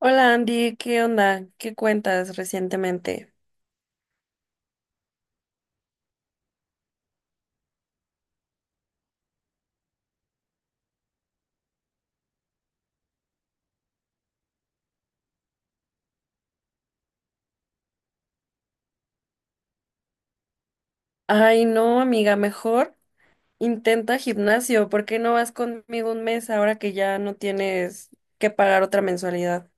Hola Andy, ¿qué onda? ¿Qué cuentas recientemente? Ay, no, amiga, mejor intenta gimnasio. ¿Por qué no vas conmigo un mes ahora que ya no tienes que pagar otra mensualidad?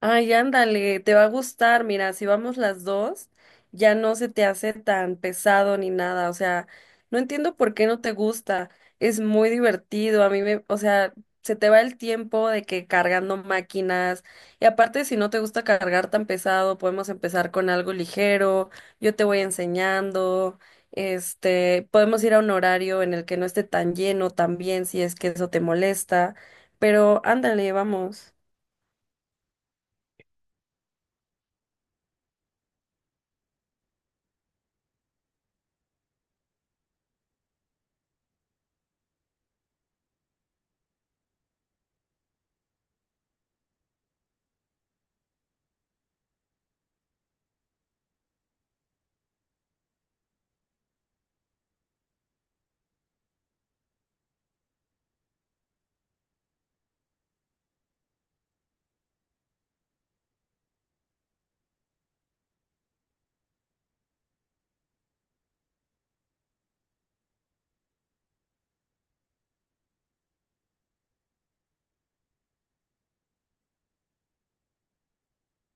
Ay, ándale, te va a gustar. Mira, si vamos las dos, ya no se te hace tan pesado ni nada. O sea, no entiendo por qué no te gusta. Es muy divertido. O sea, se te va el tiempo de que cargando máquinas. Y aparte, si no te gusta cargar tan pesado, podemos empezar con algo ligero. Yo te voy enseñando. Este, podemos ir a un horario en el que no esté tan lleno también, si es que eso te molesta. Pero ándale, vamos.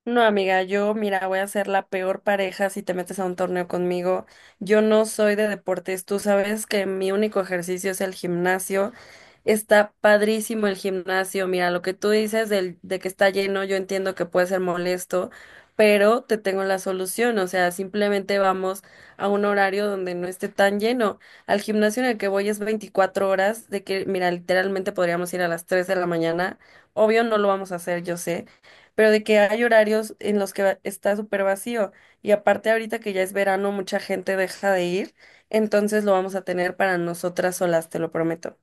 No, amiga, yo, mira, voy a ser la peor pareja si te metes a un torneo conmigo. Yo no soy de deportes. Tú sabes que mi único ejercicio es el gimnasio. Está padrísimo el gimnasio. Mira, lo que tú dices de que está lleno, yo entiendo que puede ser molesto, pero te tengo la solución. O sea, simplemente vamos a un horario donde no esté tan lleno. Al gimnasio en el que voy es 24 horas, de que, mira, literalmente podríamos ir a las 3 de la mañana. Obvio, no lo vamos a hacer, yo sé, pero de que hay horarios en los que está súper vacío. Y aparte ahorita que ya es verano, mucha gente deja de ir, entonces lo vamos a tener para nosotras solas, te lo prometo.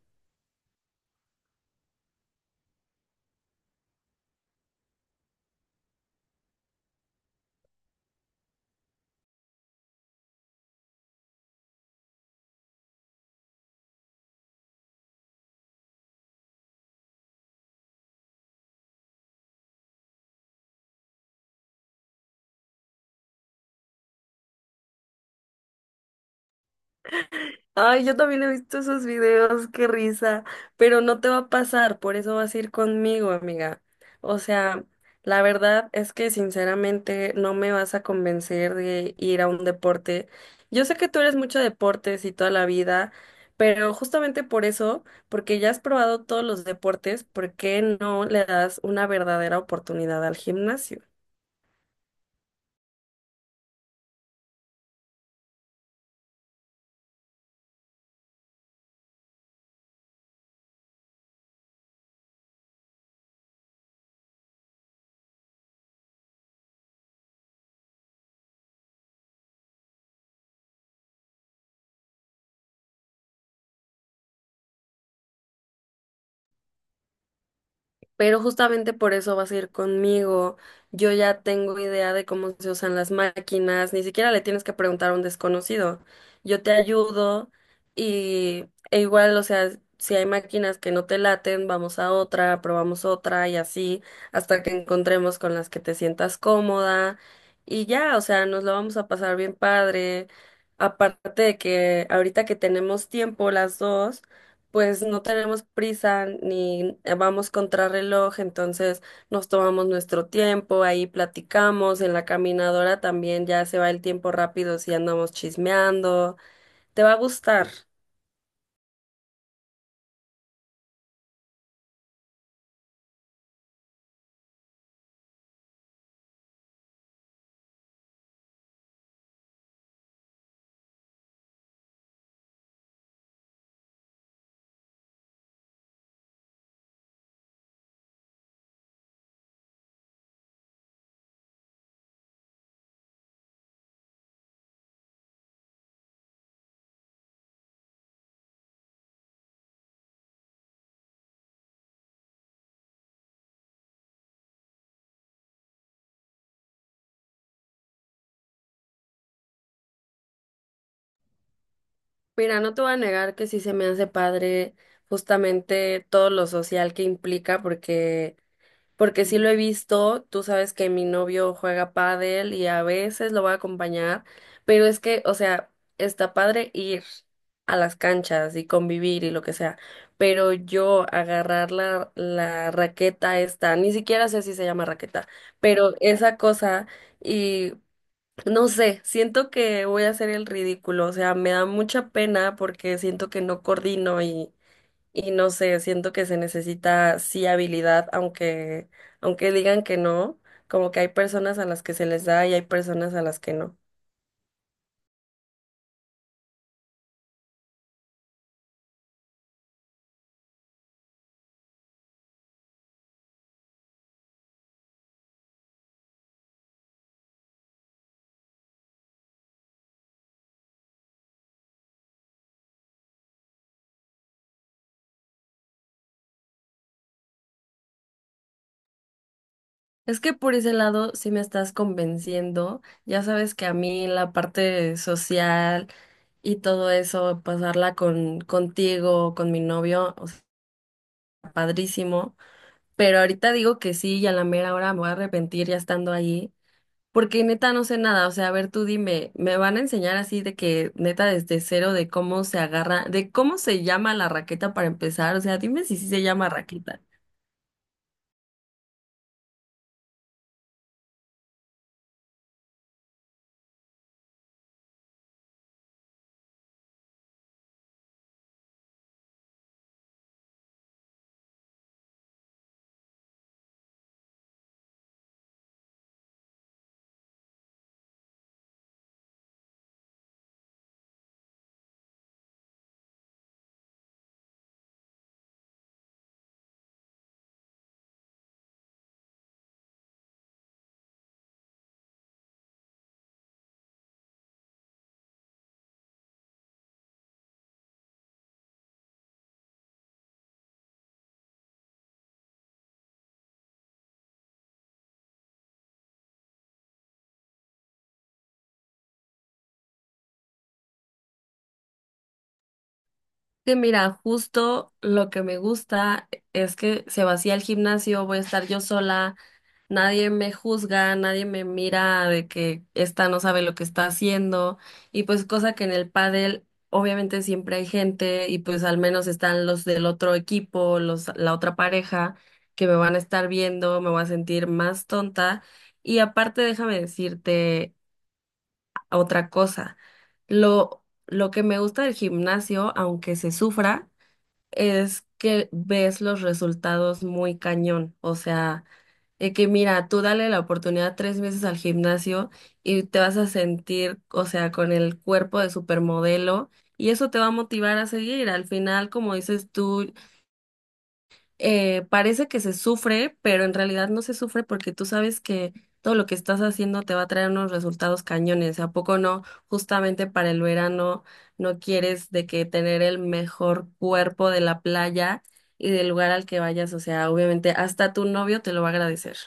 Ay, yo también he visto esos videos, qué risa, pero no te va a pasar, por eso vas a ir conmigo, amiga. O sea, la verdad es que sinceramente no me vas a convencer de ir a un deporte. Yo sé que tú eres mucho de deportes y toda la vida, pero justamente por eso, porque ya has probado todos los deportes, ¿por qué no le das una verdadera oportunidad al gimnasio? Pero justamente por eso vas a ir conmigo. Yo ya tengo idea de cómo se usan las máquinas, ni siquiera le tienes que preguntar a un desconocido. Yo te ayudo y e igual, o sea, si hay máquinas que no te laten, vamos a otra, probamos otra y así hasta que encontremos con las que te sientas cómoda y ya, o sea, nos lo vamos a pasar bien padre. Aparte de que ahorita que tenemos tiempo las dos, pues no tenemos prisa ni vamos contrarreloj, entonces nos tomamos nuestro tiempo, ahí platicamos, en la caminadora también ya se va el tiempo rápido si andamos chismeando, te va a gustar. Mira, no te voy a negar que sí se me hace padre justamente todo lo social que implica, porque sí lo he visto, tú sabes que mi novio juega pádel y a veces lo va a acompañar, pero es que, o sea, está padre ir a las canchas y convivir y lo que sea, pero yo agarrar la raqueta esta, ni siquiera sé si se llama raqueta, pero esa cosa. Y no sé, siento que voy a hacer el ridículo, o sea, me da mucha pena porque siento que no coordino y no sé, siento que se necesita sí habilidad, aunque digan que no, como que hay personas a las que se les da y hay personas a las que no. Es que por ese lado sí me estás convenciendo. Ya sabes que a mí la parte social y todo eso, pasarla con contigo, con mi novio, o sea, padrísimo. Pero ahorita digo que sí y a la mera hora me voy a arrepentir ya estando ahí. Porque neta no sé nada, o sea, a ver, tú dime, ¿me van a enseñar así de que neta desde cero de cómo se agarra, de cómo se llama la raqueta para empezar? O sea, dime si sí se llama raqueta. Que mira, justo lo que me gusta es que se vacía el gimnasio, voy a estar yo sola, nadie me juzga, nadie me mira de que esta no sabe lo que está haciendo y pues cosa que en el pádel obviamente siempre hay gente y pues al menos están los del otro equipo, los la otra pareja que me van a estar viendo, me voy a sentir más tonta y aparte déjame decirte otra cosa. Lo que me gusta del gimnasio, aunque se sufra, es que ves los resultados muy cañón, o sea, de que mira, tú dale la oportunidad 3 meses al gimnasio y te vas a sentir, o sea, con el cuerpo de supermodelo y eso te va a motivar a seguir. Al final, como dices tú, parece que se sufre, pero en realidad no se sufre porque tú sabes que todo lo que estás haciendo te va a traer unos resultados cañones. ¿A poco no? Justamente para el verano no quieres de que tener el mejor cuerpo de la playa y del lugar al que vayas. O sea, obviamente hasta tu novio te lo va a agradecer.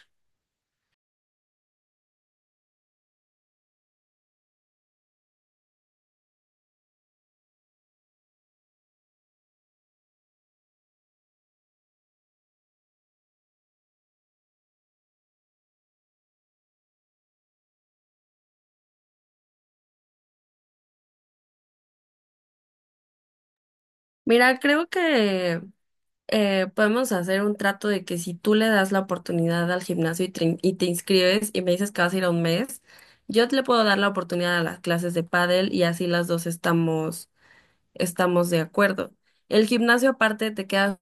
Mira, creo que podemos hacer un trato de que si tú le das la oportunidad al gimnasio y te inscribes y me dices que vas a ir a un mes, yo te le puedo dar la oportunidad a las clases de pádel y así las dos estamos de acuerdo. El gimnasio aparte te queda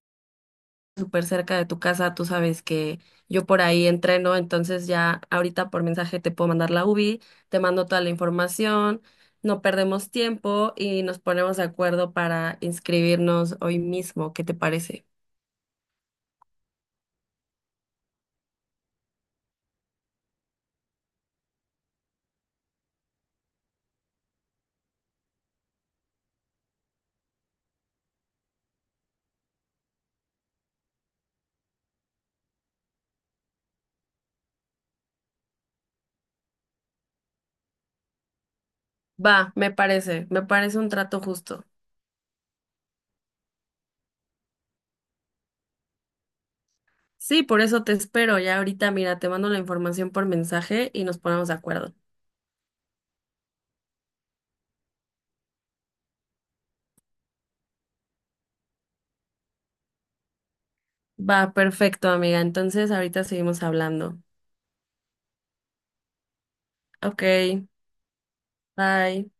súper cerca de tu casa, tú sabes que yo por ahí entreno, entonces ya ahorita por mensaje te puedo mandar la UBI, te mando toda la información, no perdemos tiempo y nos ponemos de acuerdo para inscribirnos hoy mismo, ¿qué te parece? Va, me parece un trato justo. Sí, por eso te espero, ya ahorita mira, te mando la información por mensaje y nos ponemos de acuerdo. Va, perfecto, amiga, entonces ahorita seguimos hablando. Ok, bye.